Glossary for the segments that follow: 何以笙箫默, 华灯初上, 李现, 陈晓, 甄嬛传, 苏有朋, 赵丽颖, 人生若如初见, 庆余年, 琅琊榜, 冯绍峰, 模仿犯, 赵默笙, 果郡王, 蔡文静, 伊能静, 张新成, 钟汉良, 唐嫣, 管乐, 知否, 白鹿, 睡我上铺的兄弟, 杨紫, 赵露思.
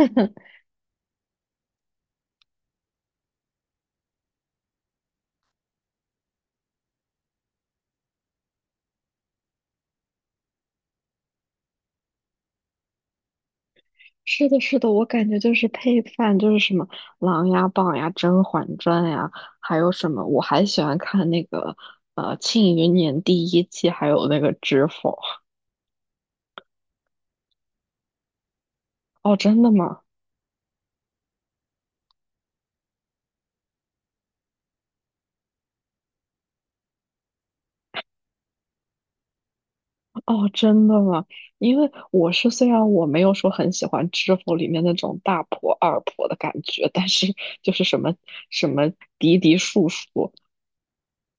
是的，是的，我感觉就是配饭，就是什么《琅琊榜》呀、《甄嬛传》呀，还有什么，我还喜欢看那个《庆余年》第一季，还有那个《知否》。哦，真的吗？哦，真的吗？因为我是虽然我没有说很喜欢《知否》里面那种大婆二婆的感觉，但是就是什么什么嫡嫡庶庶、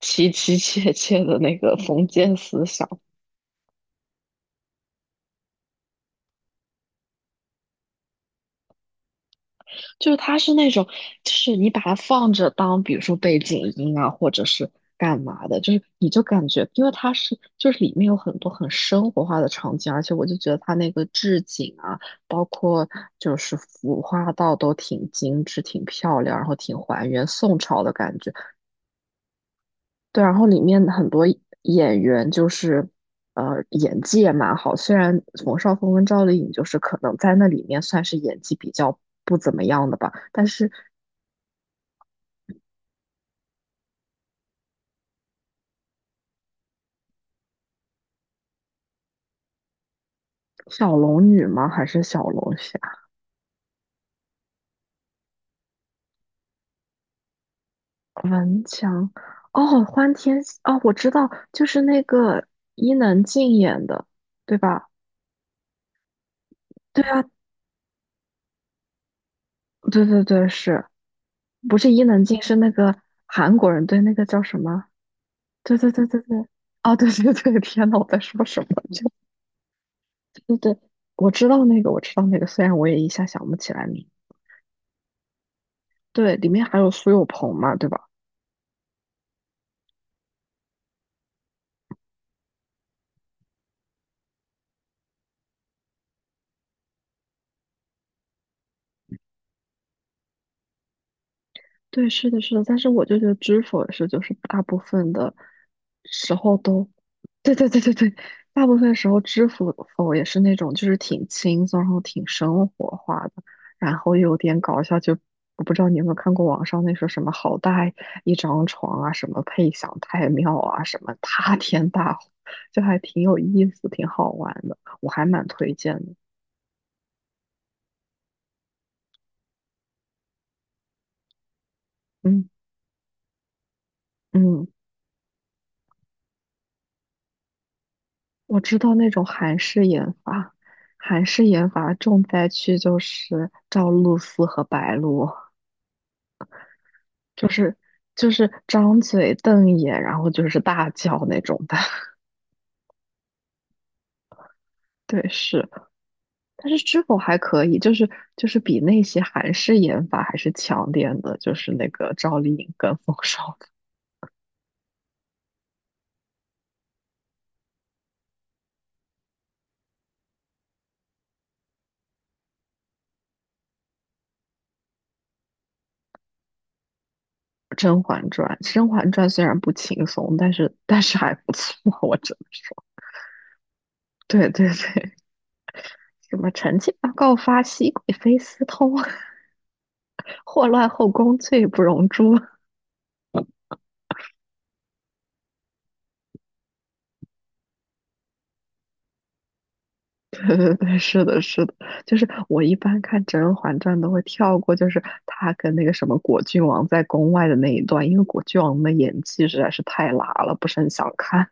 妻妻妾妾的那个封建思想。就是它是那种，就是你把它放着当，比如说背景音啊，或者是干嘛的，就是你就感觉，因为它是就是里面有很多很生活化的场景，而且我就觉得它那个置景啊，包括就是服化道都挺精致、挺漂亮，然后挺还原宋朝的感觉。对，然后里面很多演员就是。呃，演技也蛮好。虽然冯绍峰跟赵丽颖就是可能在那里面算是演技比较不怎么样的吧，但是小龙女吗？还是小龙虾？像哦，欢天喜哦，我知道，就是那个伊能静演的，对吧？对啊，对对对，是不是伊能静是那个韩国人？对，那个叫什么？对对对对对，哦，对对对，天呐，我在说什么？就对对对，我知道那个，我知道那个，虽然我也一下想不起来名。对，里面还有苏有朋嘛，对吧？对，是的，是的，但是我就觉得知否是就是大部分的时候都，对对对对对，大部分时候知否否也是那种就是挺轻松，然后挺生活化的，然后又有点搞笑。就我不知道你有没有看过网上那说什么好大一张床啊，什么配享太庙啊，什么塌天大祸就还挺有意思，挺好玩的，我还蛮推荐的。嗯嗯。我知道那种韩式研发，韩式研发重灾区就是赵露思和白鹿，就是就是张嘴瞪眼，然后就是大叫那种的。对，是，但是知否还可以，就是就是比那些韩式研发还是强点的，就是那个赵丽颖跟冯绍峰《甄嬛传》，《甄嬛传》虽然不轻松，但是还不错，我真的是。对对对，什么臣妾报告发熹贵妃私通。祸乱后宫，罪不容诛。对对对，是的，是的，就是我一般看《甄嬛传》都会跳过，就是她跟那个什么果郡王在宫外的那一段，因为果郡王的演技实在是太拉了，不是很想看。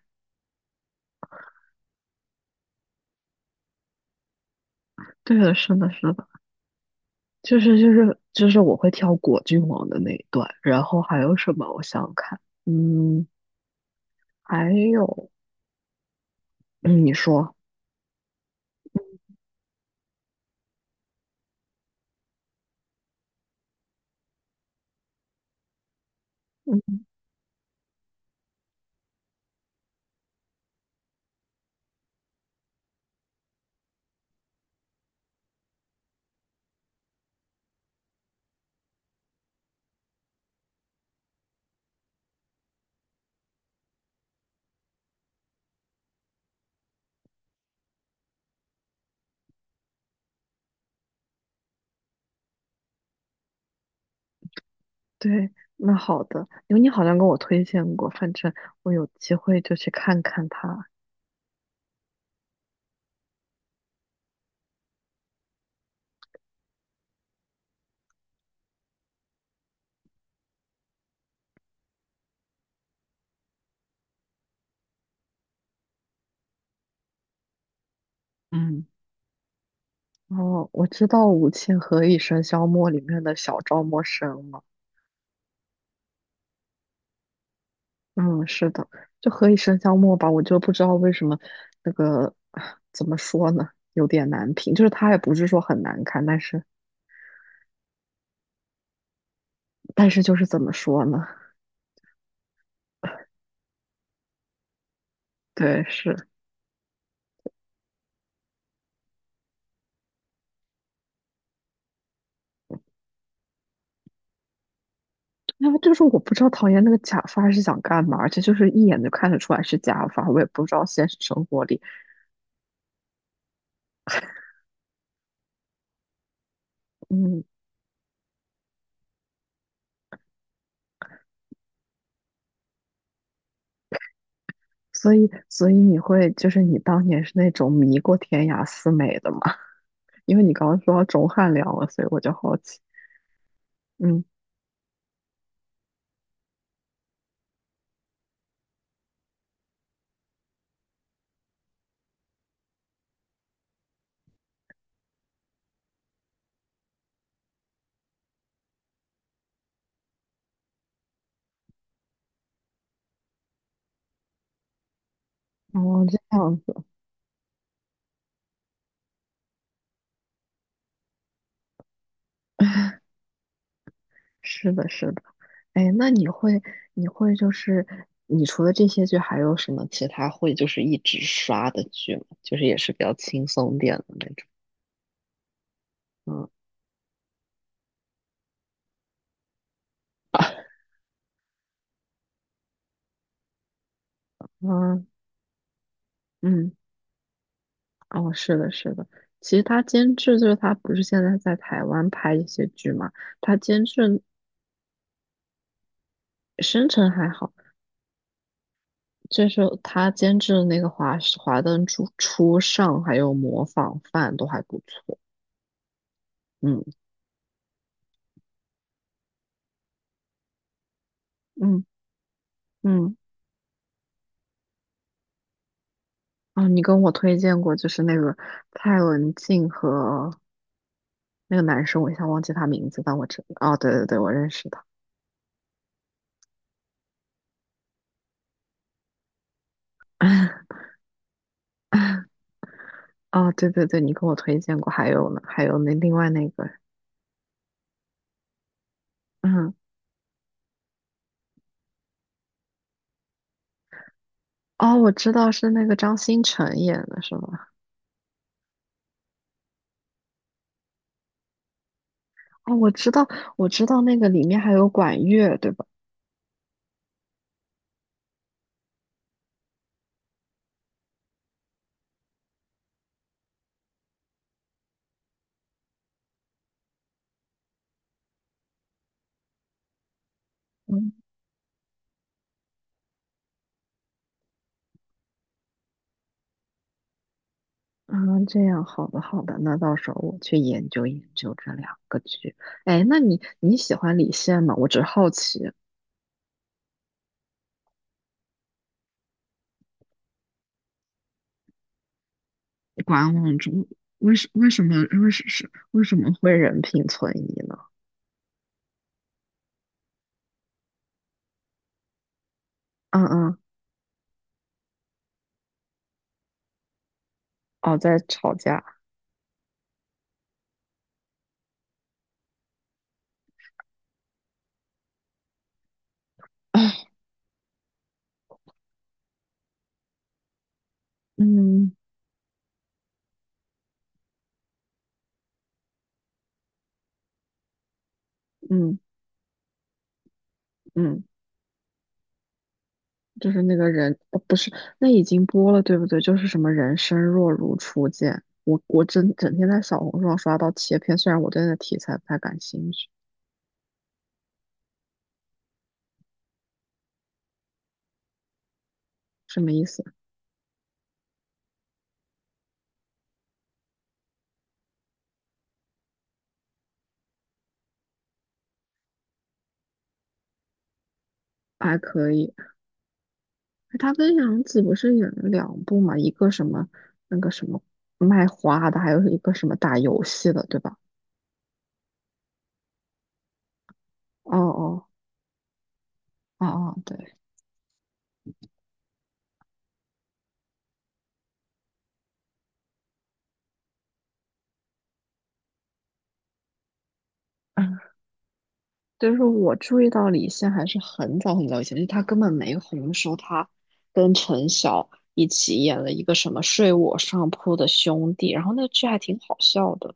对的，是的，是的，就是我会跳果郡王的那一段，然后还有什么？我想想看，嗯，还有，嗯，你说，嗯，对。那好的，因为你好像跟我推荐过，反正我有机会就去看看他。嗯。哦，我知道“吾妻何以笙箫默”里面的小赵默笙了。嗯，是的，就“何以笙箫默”吧，我就不知道为什么那个啊怎么说呢，有点难评。就是它也不是说很难看，但是就是怎么说呢？对，是，那就是我不知道唐嫣那个假发是想干嘛，而且就是一眼就看得出来是假发，我也不知道现实生活里，嗯，所以你会就是你当年是那种迷过天涯四美的吗？因为你刚刚说到钟汉良了，所以我就好奇。嗯，哦，这样子，是的，是的。哎，那你会，你会就是，你除了这些剧，还有什么其他会就是一直刷的剧吗？就是也是比较轻松点的那种。嗯嗯嗯，哦，是的，是的。其实他监制就是他，不是现在在台湾拍一些剧嘛？他监制深沉还好，就是他监制的那个华《华灯初初上》还有《模仿犯》都还不错。嗯嗯嗯，啊，你跟我推荐过，就是那个蔡文静和那个男生，我一下忘记他名字，但我知，哦，对对对，我认识他。哦，对对对，你跟我推荐过，还有呢，还有那另外那个，嗯，哦，我知道是那个张新成演的，是吧？哦，我知道，我知道那个里面还有管乐，对吧？嗯啊，这样，好的好的，那到时候我去研究研究这两个剧。哎，那你你喜欢李现吗？我只是好奇。观望中为什为什么为什是为什么会人品存疑呢？嗯嗯，哦，在吵架，嗯嗯嗯，就是那个人，哦，不是，那已经播了，对不对？就是什么人生若如初见，我整整天在小红书上刷到切片，虽然我对那题材不太感兴趣，什么意思？还可以，哎他跟杨紫不是演了两部嘛，一个什么那个什么卖花的，还有一个什么打游戏的，对吧？哦哦哦哦，对。嗯，就是我注意到李现还是很早很早以前，就是他根本没红的时候，他跟陈晓一起演了一个什么《睡我上铺的兄弟》，然后那剧还挺好笑的。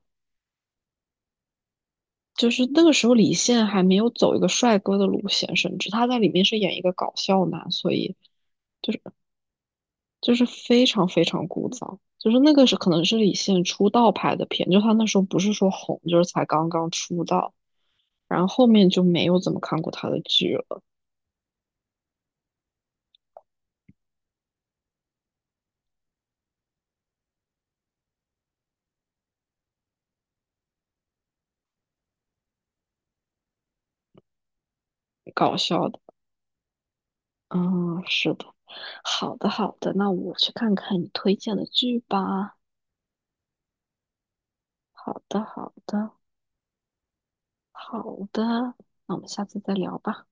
就是那个时候，李现还没有走一个帅哥的路线，甚至他在里面是演一个搞笑男，所以就是非常非常古早。就是那个是可能是李现出道拍的片，就他那时候不是说红，就是才刚刚出道，然后后面就没有怎么看过他的剧了，搞笑的。嗯，是的，好的好的，那我去看看你推荐的剧吧。好的好的。好的，那我们下次再聊吧。